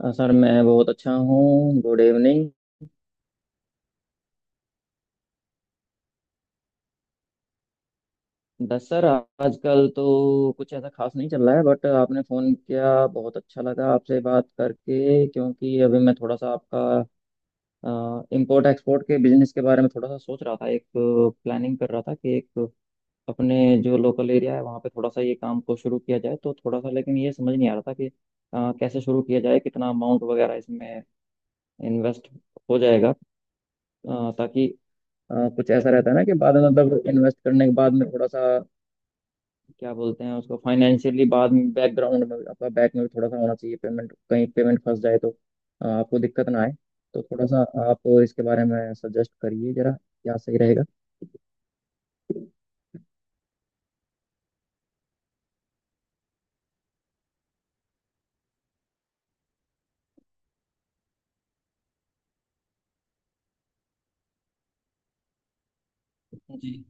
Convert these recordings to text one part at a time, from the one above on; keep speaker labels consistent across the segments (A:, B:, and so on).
A: Sir, मैं बहुत अच्छा हूँ। Good evening. बस सर, आजकल तो कुछ ऐसा खास नहीं चल रहा है, बट आपने फ़ोन किया बहुत अच्छा लगा आपसे बात करके। क्योंकि अभी मैं थोड़ा सा आपका इंपोर्ट एक्सपोर्ट के बिजनेस के बारे में थोड़ा सा सोच रहा था, एक प्लानिंग कर रहा था कि एक अपने जो लोकल एरिया है वहाँ पे थोड़ा सा ये काम को शुरू किया जाए, तो थोड़ा सा लेकिन ये समझ नहीं आ रहा था कि कैसे शुरू किया जाए, कितना अमाउंट वगैरह इसमें इन्वेस्ट हो जाएगा, ताकि कुछ ऐसा रहता है ना कि बाद में, मतलब इन्वेस्ट करने के बाद में थोड़ा सा क्या बोलते हैं उसको, फाइनेंशियली बाद में बैकग्राउंड में आपका बैक में भी थोड़ा सा होना चाहिए। पेमेंट कहीं पेमेंट फंस जाए तो आपको दिक्कत ना आए। तो थोड़ा सा आप इसके बारे में सजेस्ट करिए जरा, क्या सही रहेगा। जी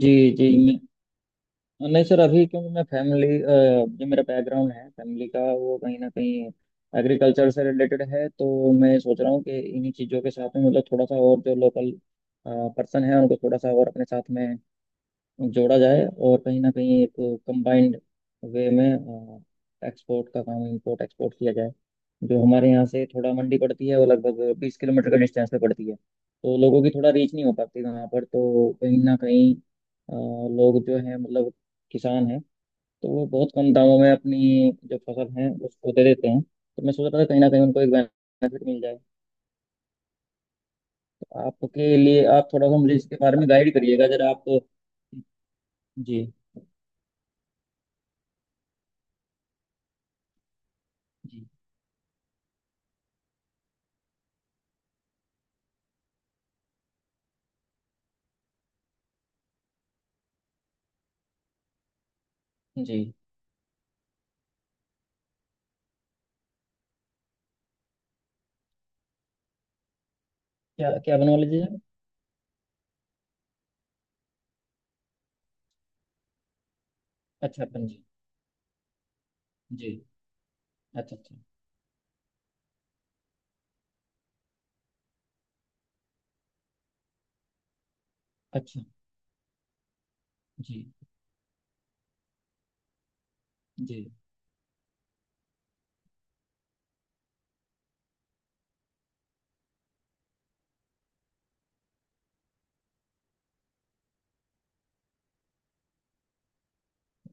A: जी। जी। नहीं सर, अभी क्योंकि मैं फैमिली जो मेरा बैकग्राउंड है फैमिली का वो कहीं ना कहीं एग्रीकल्चर से रिलेटेड है, तो मैं सोच रहा हूँ कि इन्हीं चीज़ों के साथ में मतलब थोड़ा सा और जो लोकल पर्सन है उनको थोड़ा सा और अपने साथ में जोड़ा जाए, और कहीं ना कहीं एक कंबाइंड वे में एक्सपोर्ट का काम, इंपोर्ट एक्सपोर्ट किया जाए। जो हमारे यहाँ से थोड़ा मंडी पड़ती है वो लगभग 20 किलोमीटर के डिस्टेंस पे पड़ती है, तो लोगों की थोड़ा रीच नहीं हो पाती वहाँ पर। तो कहीं ना कहीं लोग जो है, मतलब किसान हैं, तो वो बहुत कम दामों में अपनी जो फसल है उसको दे देते हैं। तो मैं सोच रहा था कहीं ना कहीं उनको एक बेनिफिट मिल जाए। तो आपके लिए, आप थोड़ा सा मुझे इसके बारे में गाइड करिएगा जरा आप। जी। जी जी। क्या क्या बनोलॉजी है। अच्छा, पंजी। जी। अच्छा अच्छा। अच्छा। जी जी।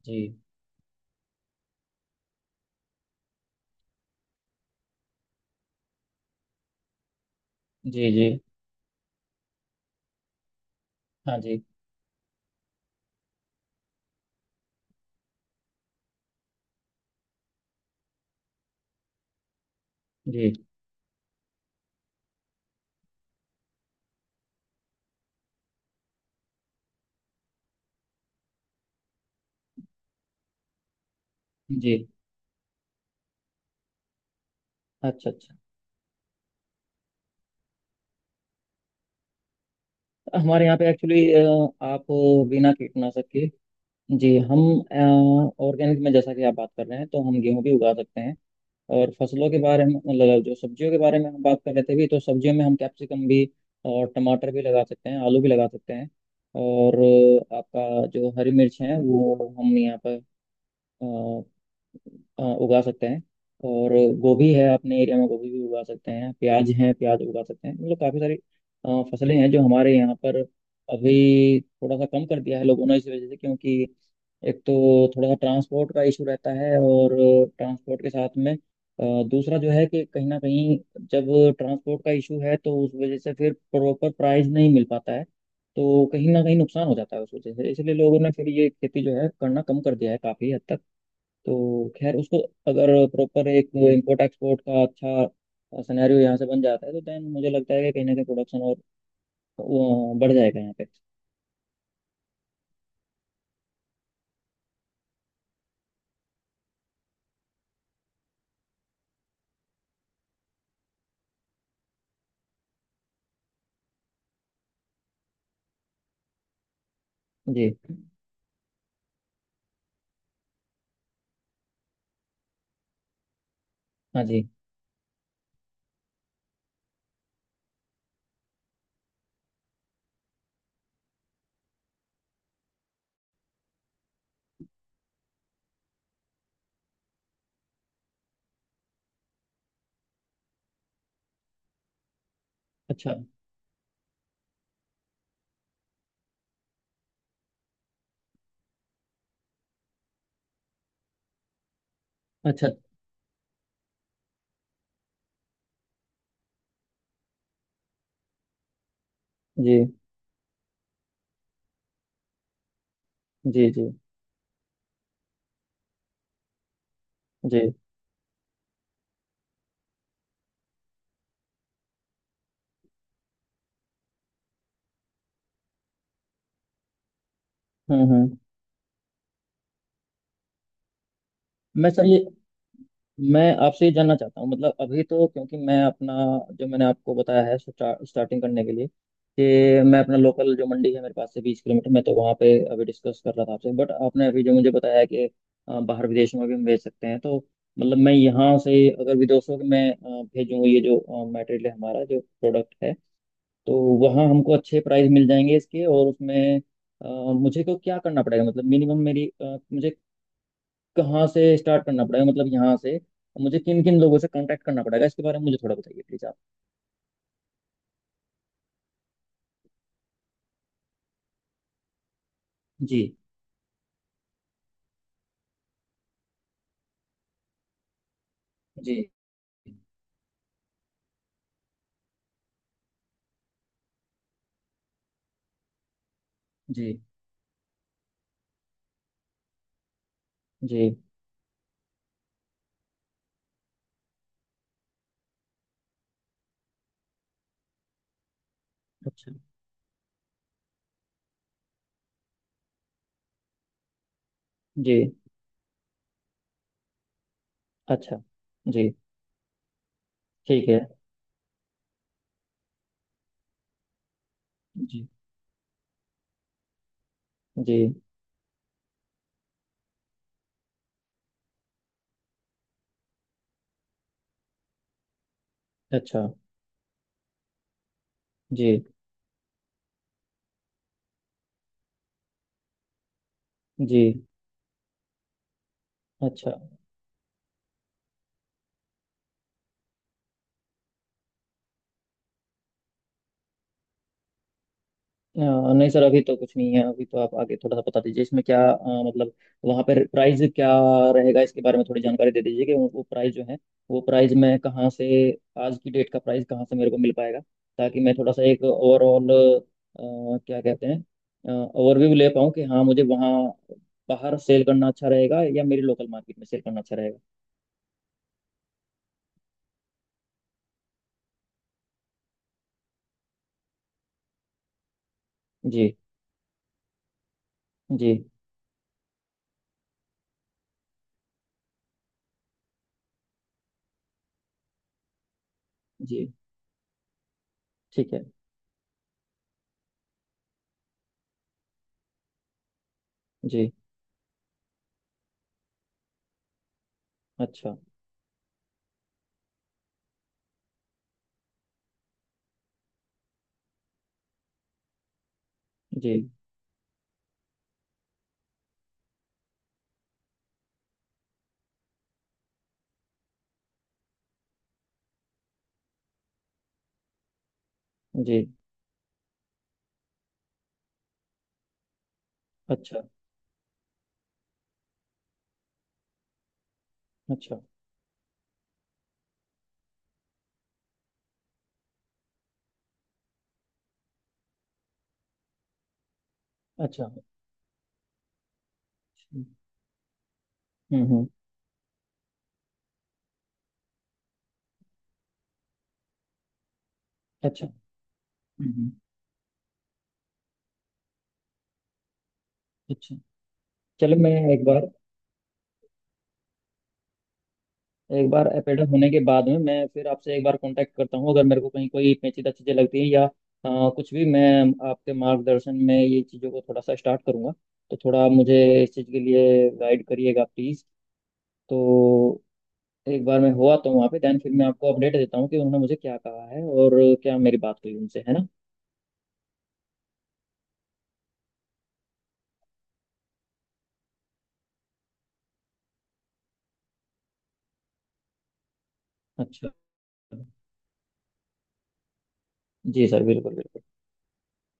A: जी जी। जी। हाँ जी। जी जी। अच्छा अच्छा। हमारे यहाँ पे एक्चुअली, आप बिना कीटनाशक के, जी हम ऑर्गेनिक में जैसा कि आप बात कर रहे हैं, तो हम गेहूं भी उगा सकते हैं। और फसलों के बारे में, मतलब जो सब्जियों के बारे में हम बात कर रहे थे भी, तो सब्जियों में हम कैप्सिकम भी और टमाटर भी लगा सकते हैं, आलू भी लगा सकते हैं। और आपका जो हरी मिर्च है वो हम यहाँ पर अ, उगा सकते हैं। और गोभी है, अपने एरिया में गोभी भी उगा सकते हैं, प्याज है, प्याज उगा सकते हैं, मतलब काफ़ी सारी फसलें हैं जो हमारे यहाँ पर अभी थोड़ा सा कम कर दिया है लोगों ने। इस वजह से क्योंकि एक तो थोड़ा सा ट्रांसपोर्ट का इशू रहता है, और ट्रांसपोर्ट के साथ में दूसरा जो है कि कहीं ना कहीं जब ट्रांसपोर्ट का इशू है, तो उस वजह से फिर प्रॉपर प्राइस नहीं मिल पाता है, तो कहीं ना कहीं नुकसान हो जाता है उस वजह से। इसलिए लोगों ने फिर ये खेती जो है करना कम कर दिया है काफ़ी हद तक। तो खैर, उसको अगर प्रॉपर एक इंपोर्ट एक्सपोर्ट का अच्छा सिनेरियो यहाँ से बन जाता है, तो देन मुझे लगता है कि कहीं ना कहीं प्रोडक्शन और वो बढ़ जाएगा यहाँ पे। जी। हाँ जी। अच्छा अच्छा। जी जी। जी जी। हम्म। मैं सर ये, मैं आपसे ये जानना चाहता हूँ, मतलब अभी तो क्योंकि मैं अपना, जो मैंने आपको बताया है, स्टार्टिंग करने के लिए, कि मैं अपना लोकल जो मंडी है मेरे पास से 20 किलोमीटर, मैं तो वहाँ पे अभी डिस्कस कर रहा था आपसे, बट आपने अभी जो मुझे बताया है कि बाहर विदेश में भी हम भेज सकते हैं, तो मतलब मैं यहाँ से अगर विदेशों में भेजूँ ये जो मटेरियल है, हमारा जो प्रोडक्ट है, तो वहाँ हमको अच्छे प्राइस मिल जाएंगे इसके, और उसमें अ, मुझे को क्या करना पड़ेगा, मतलब मिनिमम मेरी मुझे कहाँ से स्टार्ट करना पड़ेगा, मतलब यहाँ से मुझे किन किन लोगों से कांटेक्ट करना पड़ेगा, इसके बारे में मुझे थोड़ा बताइए प्लीज आप। जी जी। जी जी। अच्छा। जी। अच्छा। जी, ठीक है। जी जी। अच्छा। जी जी। अच्छा। अ, नहीं सर, अभी तो कुछ नहीं है। अभी तो आप आगे थोड़ा सा बता दीजिए इसमें, क्या मतलब वहाँ पर प्राइस क्या रहेगा, इसके बारे में थोड़ी जानकारी दे दीजिए कि वो प्राइस जो है, वो प्राइस मैं कहाँ से, आज की डेट का प्राइस कहाँ से मेरे को मिल पाएगा, ताकि मैं थोड़ा सा एक ओवरऑल, क्या कहते हैं, ओवरव्यू ले पाऊँ कि हाँ मुझे वहाँ बाहर सेल करना अच्छा रहेगा या मेरी लोकल मार्केट में सेल करना अच्छा रहेगा। जी जी। जी, ठीक है। जी। अच्छा। जी जी। अच्छा अच्छा। अच्छा अच्छा। हम्म हम्म। अच्छा। हम्म। अच्छा, चलो, मैं एक बार, एक बार एपेडा होने के बाद में मैं फिर आपसे एक बार कांटेक्ट करता हूँ, अगर मेरे को कहीं कोई पेचीदा चीज़ें लगती हैं या कुछ भी। मैं आपके मार्गदर्शन में ये चीज़ों को थोड़ा सा स्टार्ट करूँगा, तो थोड़ा आप मुझे इस चीज़ के लिए गाइड करिएगा प्लीज़। तो एक बार मैं हुआ तो वहाँ पे, देन फिर मैं आपको अपडेट देता हूँ कि उन्होंने मुझे क्या कहा है और क्या मेरी बात हुई उनसे, है ना। अच्छा। जी सर, बिल्कुल बिल्कुल।